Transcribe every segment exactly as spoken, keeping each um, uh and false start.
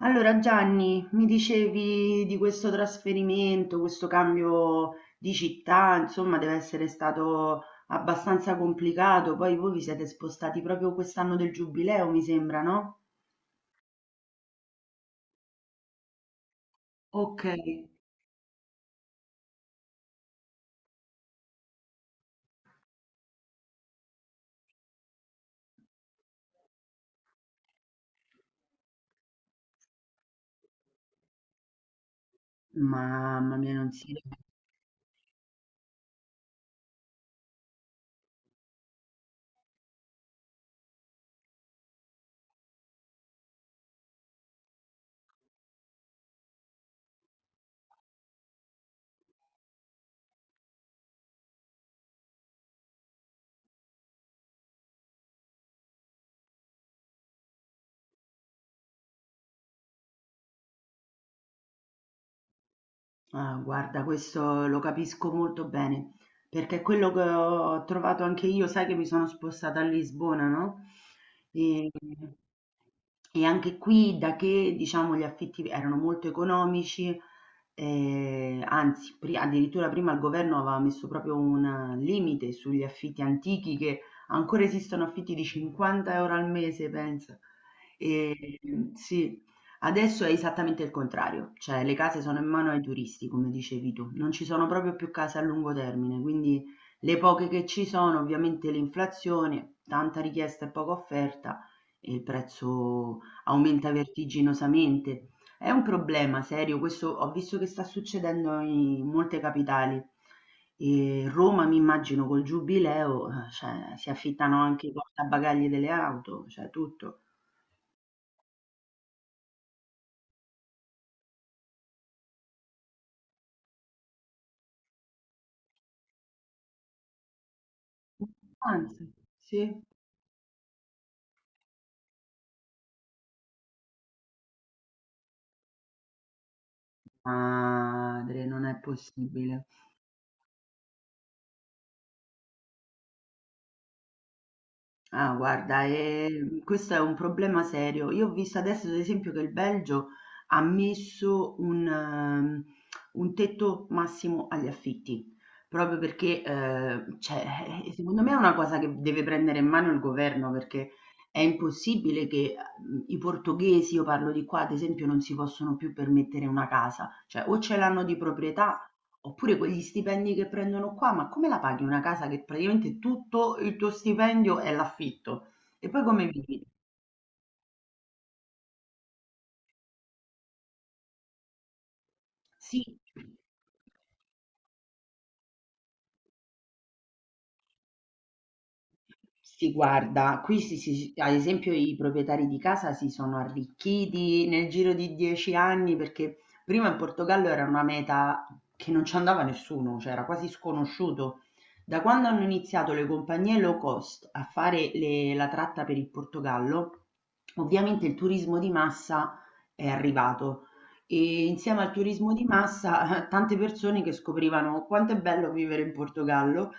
Allora Gianni, mi dicevi di questo trasferimento, questo cambio di città, insomma, deve essere stato abbastanza complicato. Poi voi vi siete spostati proprio quest'anno del Giubileo, mi sembra, no? Ok. Mamma mia, non si. Ah, guarda, questo lo capisco molto bene, perché è quello che ho trovato anche io, sai che mi sono spostata a Lisbona, no? E, e anche qui, da che diciamo gli affitti erano molto economici, eh, anzi, pri- addirittura prima il governo aveva messo proprio un limite sugli affitti antichi, che ancora esistono affitti di cinquanta euro al mese, pensa. E, sì. Adesso è esattamente il contrario, cioè le case sono in mano ai turisti, come dicevi tu, non ci sono proprio più case a lungo termine, quindi le poche che ci sono, ovviamente l'inflazione, tanta richiesta e poca offerta e il prezzo aumenta vertiginosamente. È un problema serio, questo ho visto che sta succedendo in molte capitali. E Roma, mi immagino, col giubileo, eh, cioè, si affittano anche i portabagagli delle auto, cioè tutto. Anzi, sì. Madre, non è possibile. Ah, guarda, ehm, questo è un problema serio. Io ho visto adesso, ad esempio, che il Belgio ha messo un, ehm, un tetto massimo agli affitti, proprio perché, eh, cioè, eh, secondo me è una cosa che deve prendere in mano il governo, perché è impossibile che eh, i portoghesi, io parlo di qua, ad esempio, non si possono più permettere una casa. Cioè, o ce l'hanno di proprietà. Oppure quegli stipendi che prendono qua, ma come la paghi una casa che praticamente tutto il tuo stipendio è l'affitto? E poi come vivi? Sì. Si guarda, qui si, si- ad esempio i proprietari di casa si sono arricchiti nel giro di dieci anni perché prima in Portogallo era una meta che non ci andava nessuno, cioè era quasi sconosciuto. Da quando hanno iniziato le compagnie low cost a fare le- la tratta per il Portogallo, ovviamente il turismo di massa è arrivato e insieme al turismo di massa tante persone che scoprivano quanto è bello vivere in Portogallo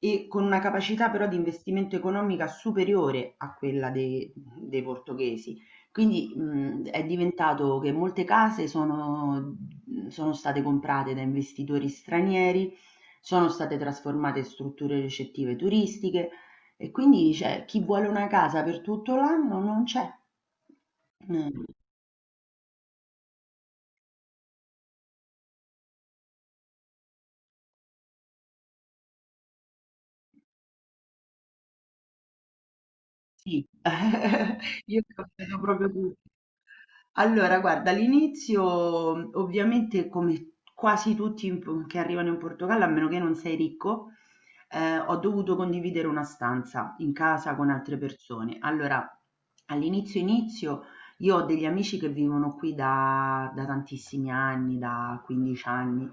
e con una capacità però di investimento economica superiore a quella de dei portoghesi. Quindi, mhmm, è diventato che molte case sono mhmm, sono state comprate da investitori stranieri, sono state trasformate in strutture ricettive turistiche e quindi, cioè, chi vuole una casa per tutto l'anno non c'è. Mh, sì, io ho capito proprio tu. Allora, guarda, all'inizio ovviamente come quasi tutti in- che arrivano in Portogallo, a meno che non sei ricco, eh, ho dovuto condividere una stanza in casa con altre persone. Allora, all'inizio inizio io ho degli amici che vivono qui da, da tantissimi anni, da quindici anni,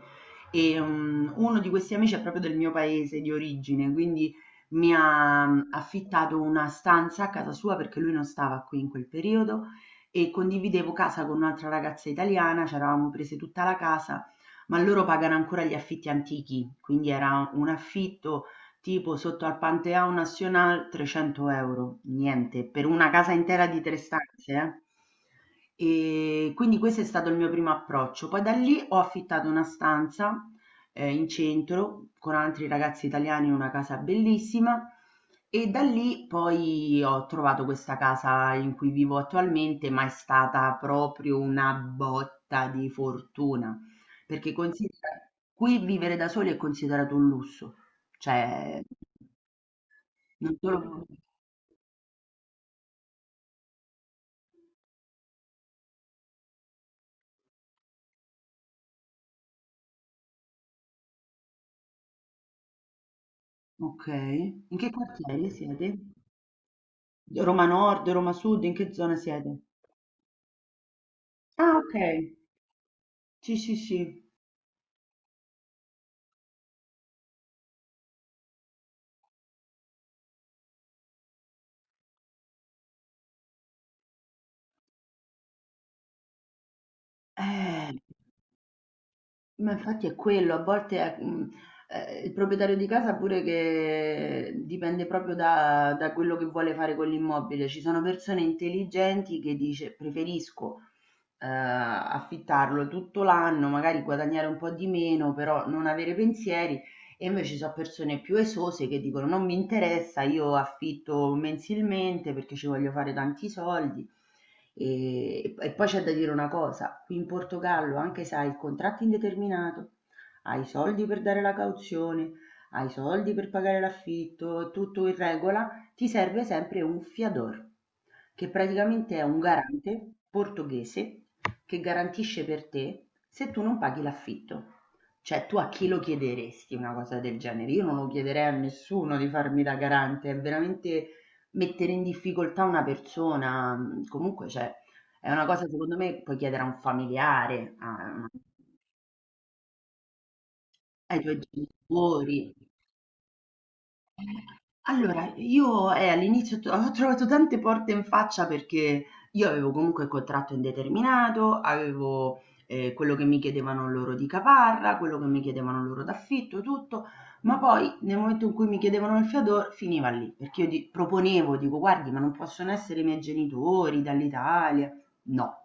e mm, uno di questi amici è proprio del mio paese di origine, quindi mi ha mm, affittato una stanza a casa sua perché lui non stava qui in quel periodo e condividevo casa con un'altra ragazza italiana, ci eravamo prese tutta la casa, ma loro pagano ancora gli affitti antichi, quindi era un affitto tipo sotto al Pantheon National trecento euro, niente, per una casa intera di tre stanze, eh. E quindi questo è stato il mio primo approccio. Poi da lì ho affittato una stanza eh, in centro con altri ragazzi italiani in una casa bellissima e da lì poi ho trovato questa casa in cui vivo attualmente, ma è stata proprio una botta di fortuna, perché considera, qui vivere da soli è considerato un lusso. Cioè, non solo. Ok. In che quartiere siete? Roma Nord, Roma Sud, in che zona siete? Ah, ok. Sì, sì, sì. Eh, ma infatti è quello, a volte è, mh, eh, il proprietario di casa pure che dipende proprio da, da quello che vuole fare con l'immobile. Ci sono persone intelligenti che dice preferisco ehm, affittarlo tutto l'anno, magari guadagnare un po' di meno, però non avere pensieri. E invece ci sono persone più esose che dicono non mi interessa, io affitto mensilmente perché ci voglio fare tanti soldi. E, e poi c'è da dire una cosa, qui in Portogallo, anche se hai il contratto indeterminato, hai i soldi per dare la cauzione, hai i soldi per pagare l'affitto, è tutto in regola, ti serve sempre un fiador che praticamente è un garante portoghese che garantisce per te se tu non paghi l'affitto. Cioè, tu a chi lo chiederesti una cosa del genere? Io non lo chiederei a nessuno di farmi da garante, è veramente mettere in difficoltà una persona. mm, Comunque, cioè, è una cosa secondo me puoi chiedere a un familiare, a- ai tuoi genitori. Allora, io, eh, all'inizio t ho trovato tante porte in faccia perché io avevo comunque il contratto indeterminato, avevo, ehm, quello che mi chiedevano loro di caparra, quello che mi chiedevano loro d'affitto, tutto, ma poi nel momento in cui mi chiedevano il fiador finiva lì, perché io di proponevo, dico: "Guardi, ma non possono essere i miei genitori dall'Italia". No.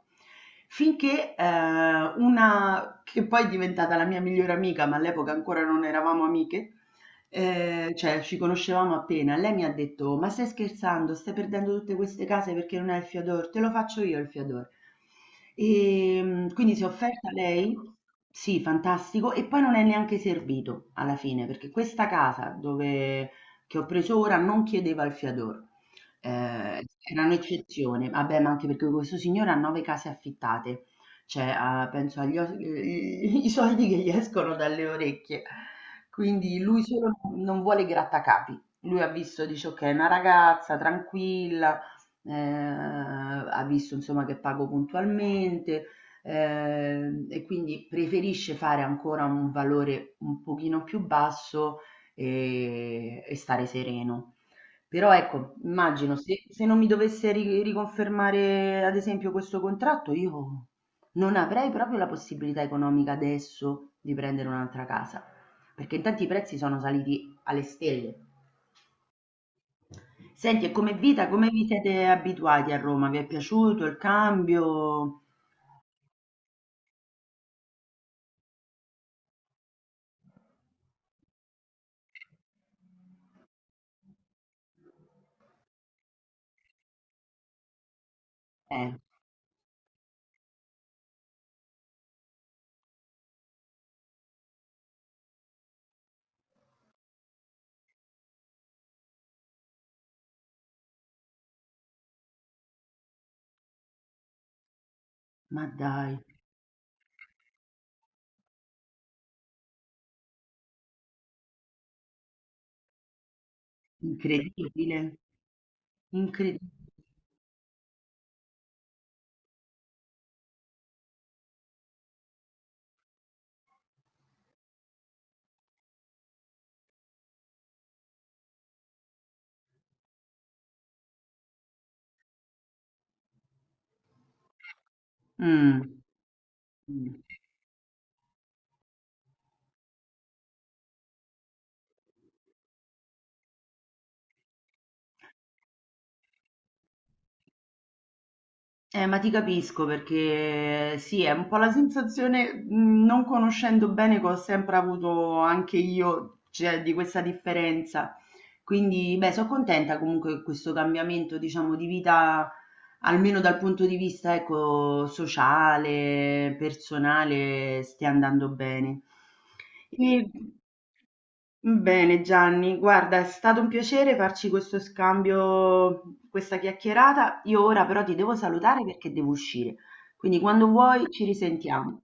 Finché, ehm, una che poi è diventata la mia migliore amica, ma all'epoca ancora non eravamo amiche. Ehm, cioè ci conoscevamo appena, lei mi ha detto: "Ma stai scherzando? Stai perdendo tutte queste case perché non hai il Fiador? Te lo faccio io il Fiador". Ehm, quindi si è offerta lei. Sì, fantastico, e poi non è neanche servito alla fine, perché questa casa dove che ho preso ora non chiedeva il Fiador. Ehm, era un'eccezione. Vabbè, ma anche perché questo signore ha nove case affittate. Cioè, a penso agli os i i soldi che gli escono dalle orecchie. Quindi lui solo non vuole i grattacapi. Lui ha visto, dice: "Okay, una ragazza tranquilla, ehm, ha visto insomma che pago puntualmente, ehm, e quindi preferisce fare ancora un valore un pochino più basso, ehm, e stare sereno". Però ecco, immagino se se non mi dovesse ri riconfermare ad esempio questo contratto io non avrei proprio la possibilità economica adesso di prendere un'altra casa, perché intanto i prezzi sono saliti alle stelle. Senti, e come vita, come vi siete abituati a Roma? Vi è piaciuto il cambio? Eh, ma dai, incredibile, incredibile. Mm, mm. Eh, ma ti capisco perché sì, è un po' la sensazione, mh, non conoscendo bene, che ho sempre avuto anche io, cioè, di questa differenza. Quindi, beh, sono contenta comunque che questo cambiamento, diciamo, di vita, almeno dal punto di vista, ecco, sociale, personale, stia andando bene. E- Bene Gianni, guarda, è stato un piacere farci questo scambio, questa chiacchierata. Io ora però ti devo salutare perché devo uscire. Quindi quando vuoi ci risentiamo.